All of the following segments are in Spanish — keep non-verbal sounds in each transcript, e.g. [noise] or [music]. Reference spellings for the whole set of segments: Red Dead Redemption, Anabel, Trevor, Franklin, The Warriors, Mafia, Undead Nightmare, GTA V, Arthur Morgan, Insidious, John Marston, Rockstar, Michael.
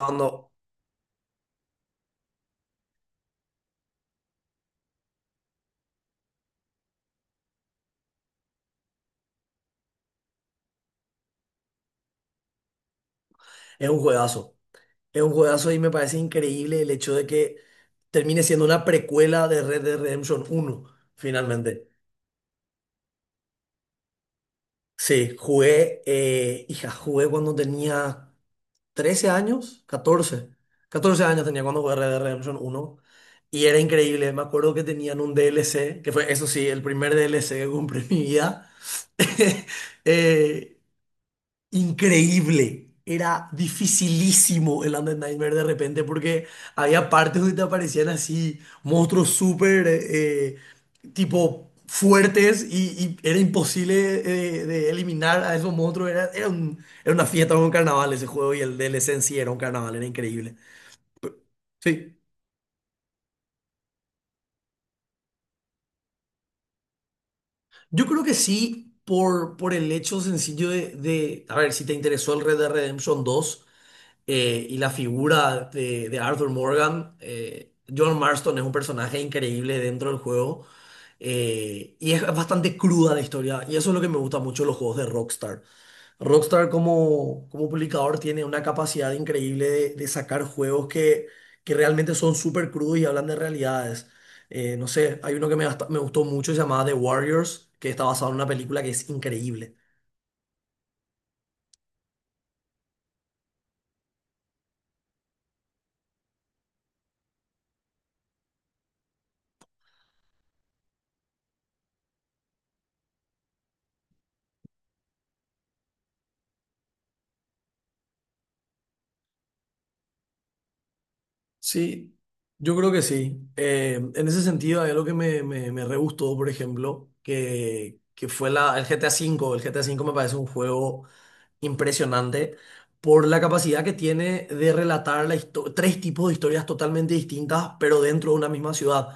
No, es un juegazo. Es un juegazo y me parece increíble el hecho de que termine siendo una precuela de Red Dead Redemption 1 finalmente. Sí, jugué, hija, jugué cuando tenía 13 años, catorce años tenía cuando jugué Red Dead Redemption 1 y era increíble. Me acuerdo que tenían un DLC, que fue, eso sí, el primer DLC que compré en mi vida. [laughs] Eh, Increíble. Era dificilísimo el Undead Nightmare de repente porque había partes donde te aparecían así monstruos súper tipo fuertes y era imposible de eliminar a esos monstruos. Era una fiesta, era un carnaval ese juego y el DLC en sí era un carnaval, era increíble. Sí. Yo creo que sí, por el hecho sencillo a ver, si te interesó el Red Dead Redemption 2. Y la figura de Arthur Morgan, John Marston es un personaje increíble dentro del juego, y es bastante cruda la historia y eso es lo que me gusta mucho de los juegos de Rockstar. Rockstar como publicador tiene una capacidad increíble de sacar juegos que realmente son súper crudos y hablan de realidades. No sé, hay uno que me gustó mucho, se llamaba The Warriors, que está basado en una película que es increíble. Sí, yo creo que sí. En ese sentido, hay algo que me re gustó, por ejemplo, que fue el GTA V. El GTA V me parece un juego impresionante por la capacidad que tiene de relatar tres tipos de historias totalmente distintas, pero dentro de una misma ciudad,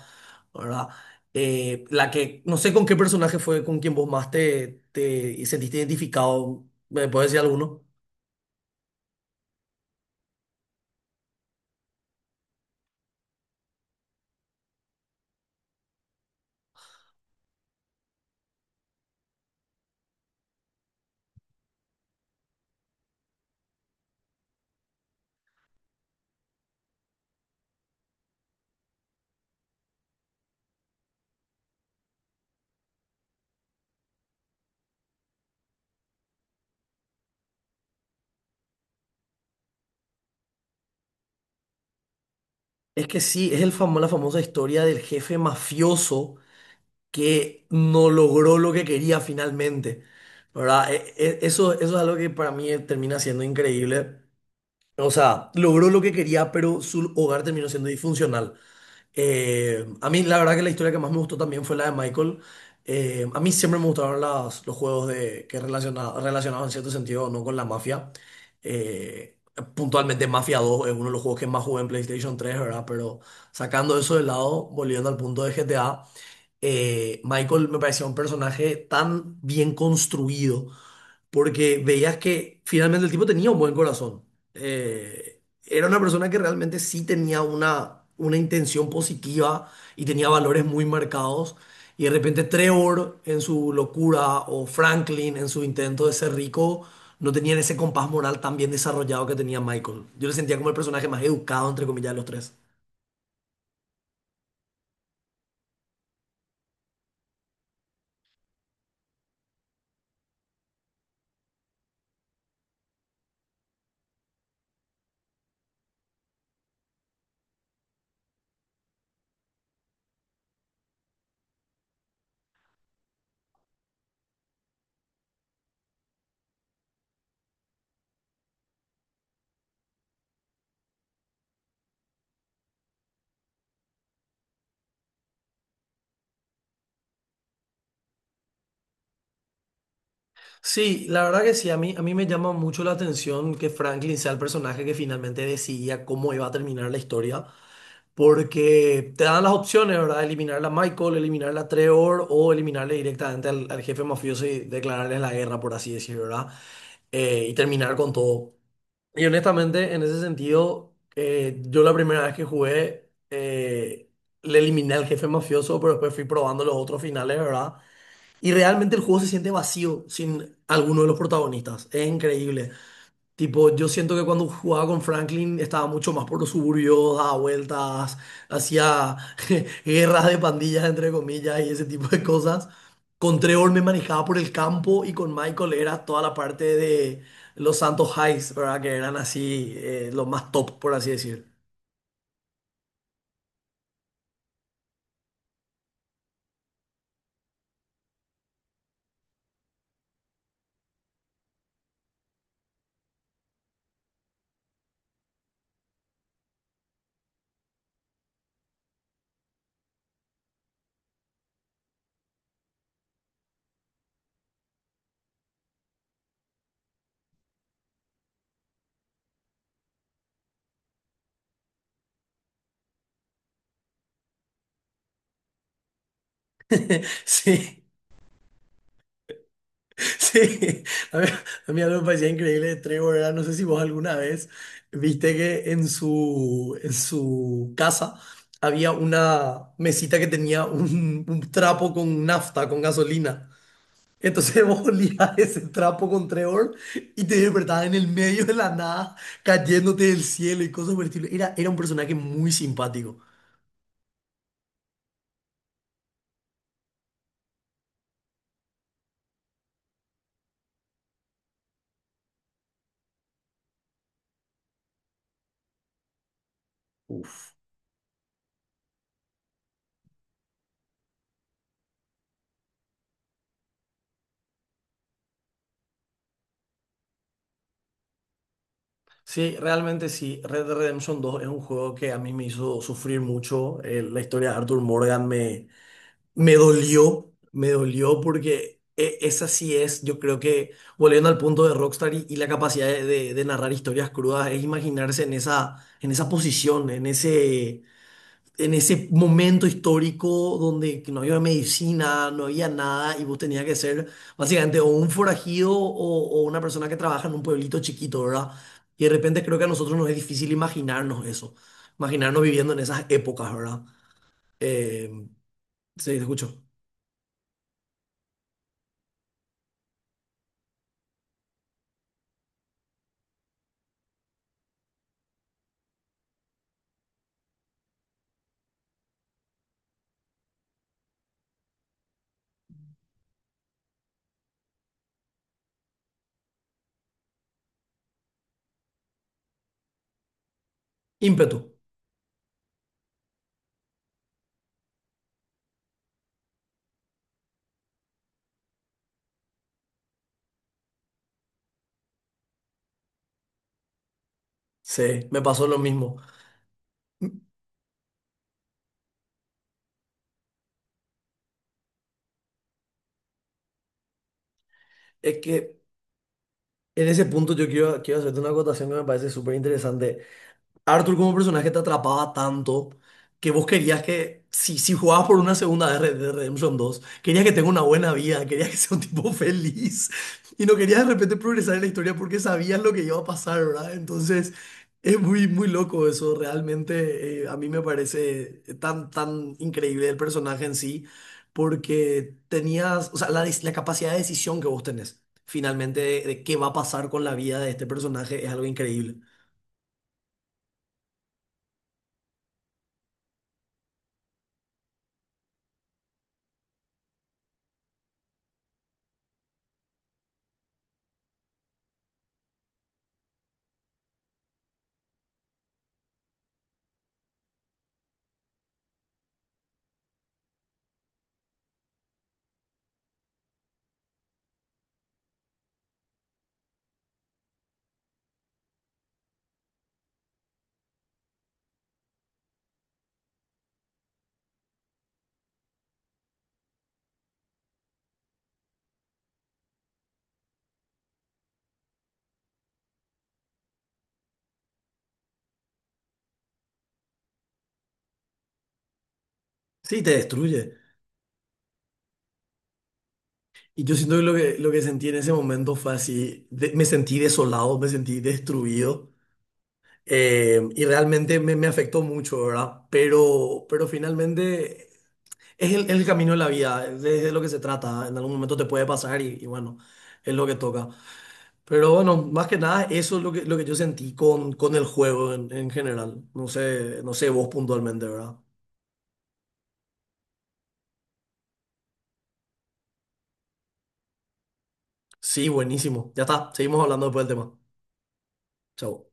¿verdad? No sé con qué personaje fue con quien vos más te sentiste identificado, ¿me puedes decir alguno? Es que sí, es la famosa historia del jefe mafioso que no logró lo que quería finalmente, ¿verdad? Eso es algo que para mí termina siendo increíble. O sea, logró lo que quería, pero su hogar terminó siendo disfuncional. A mí la verdad que la historia que más me gustó también fue la de Michael. A mí siempre me gustaron los juegos relacionados en cierto sentido no con la mafia. Eh, Puntualmente Mafia 2 es uno de los juegos que más jugué en PlayStation 3, ¿verdad? Pero sacando eso de lado, volviendo al punto de GTA, Michael me parecía un personaje tan bien construido, porque veías que finalmente el tipo tenía un buen corazón. Era una persona que realmente sí tenía una intención positiva y tenía valores muy marcados. Y de repente Trevor en su locura o Franklin en su intento de ser rico no tenían ese compás moral tan bien desarrollado que tenía Michael. Yo le sentía como el personaje más educado, entre comillas, de los tres. Sí, la verdad que sí, a mí me llama mucho la atención que Franklin sea el personaje que finalmente decidía cómo iba a terminar la historia, porque te dan las opciones, ¿verdad? Eliminarla a Michael, eliminarla a Trevor o eliminarle directamente al jefe mafioso y declararles la guerra, por así decirlo, ¿verdad? Y terminar con todo. Y honestamente, en ese sentido, yo la primera vez que jugué, le eliminé al jefe mafioso, pero después fui probando los otros finales, ¿verdad? Y realmente el juego se siente vacío sin alguno de los protagonistas. Es increíble. Tipo, yo siento que cuando jugaba con Franklin estaba mucho más por los suburbios, daba vueltas, hacía [laughs] guerras de pandillas, entre comillas, y ese tipo de cosas. Con Trevor me manejaba por el campo y con Michael era toda la parte de los Santos Highs, ¿verdad? Que eran así, los más top, por así decir. [laughs] Sí. Sí, a mí, a mí algo me parecía increíble de Trevor era, no sé si vos alguna vez viste que en su casa había una mesita que tenía un trapo con nafta, con gasolina. Entonces [laughs] vos olías ese trapo con Trevor y te despertabas en el medio de la nada, cayéndote del cielo y cosas por el estilo. Era un personaje muy simpático. Sí, realmente sí. Red Dead Redemption 2 es un juego que a mí me hizo sufrir mucho. La historia de Arthur Morgan me dolió porque esa sí es, yo creo que volviendo al punto de Rockstar y la capacidad de narrar historias crudas, es imaginarse en esa, posición, en ese momento histórico donde no había medicina, no había nada y vos tenías que ser básicamente o un forajido o una persona que trabaja en un pueblito chiquito, ¿verdad? Y de repente creo que a nosotros nos es difícil imaginarnos eso, imaginarnos viviendo en esas épocas, ¿verdad? Eh, sí, te escucho. Ímpetu. Sí, me pasó lo mismo. Es que en ese punto yo quiero hacerte una acotación que me parece súper interesante. Arthur como personaje te atrapaba tanto que vos querías que, si jugabas por una segunda vez Red Dead Redemption 2 querías que tenga una buena vida, querías que sea un tipo [laughs] feliz y no querías de repente progresar en la historia porque sabías lo que iba a pasar, ¿verdad? Entonces es muy, muy loco eso, realmente, a mí me parece tan, tan increíble el personaje en sí porque tenías, o sea, la capacidad de decisión que vos tenés finalmente de qué va a pasar con la vida de este personaje es algo increíble. Sí, te destruye. Y yo siento que lo que sentí en ese momento fue así, me sentí desolado, me sentí destruido, y realmente me afectó mucho, ¿verdad? Pero finalmente es el camino de la vida, es de lo que se trata, en algún momento te puede pasar y bueno, es lo que toca. Pero bueno, más que nada eso es lo que yo sentí con el juego en general, no sé vos puntualmente, ¿verdad? Sí, buenísimo, ya está, seguimos hablando después del tema. Chau.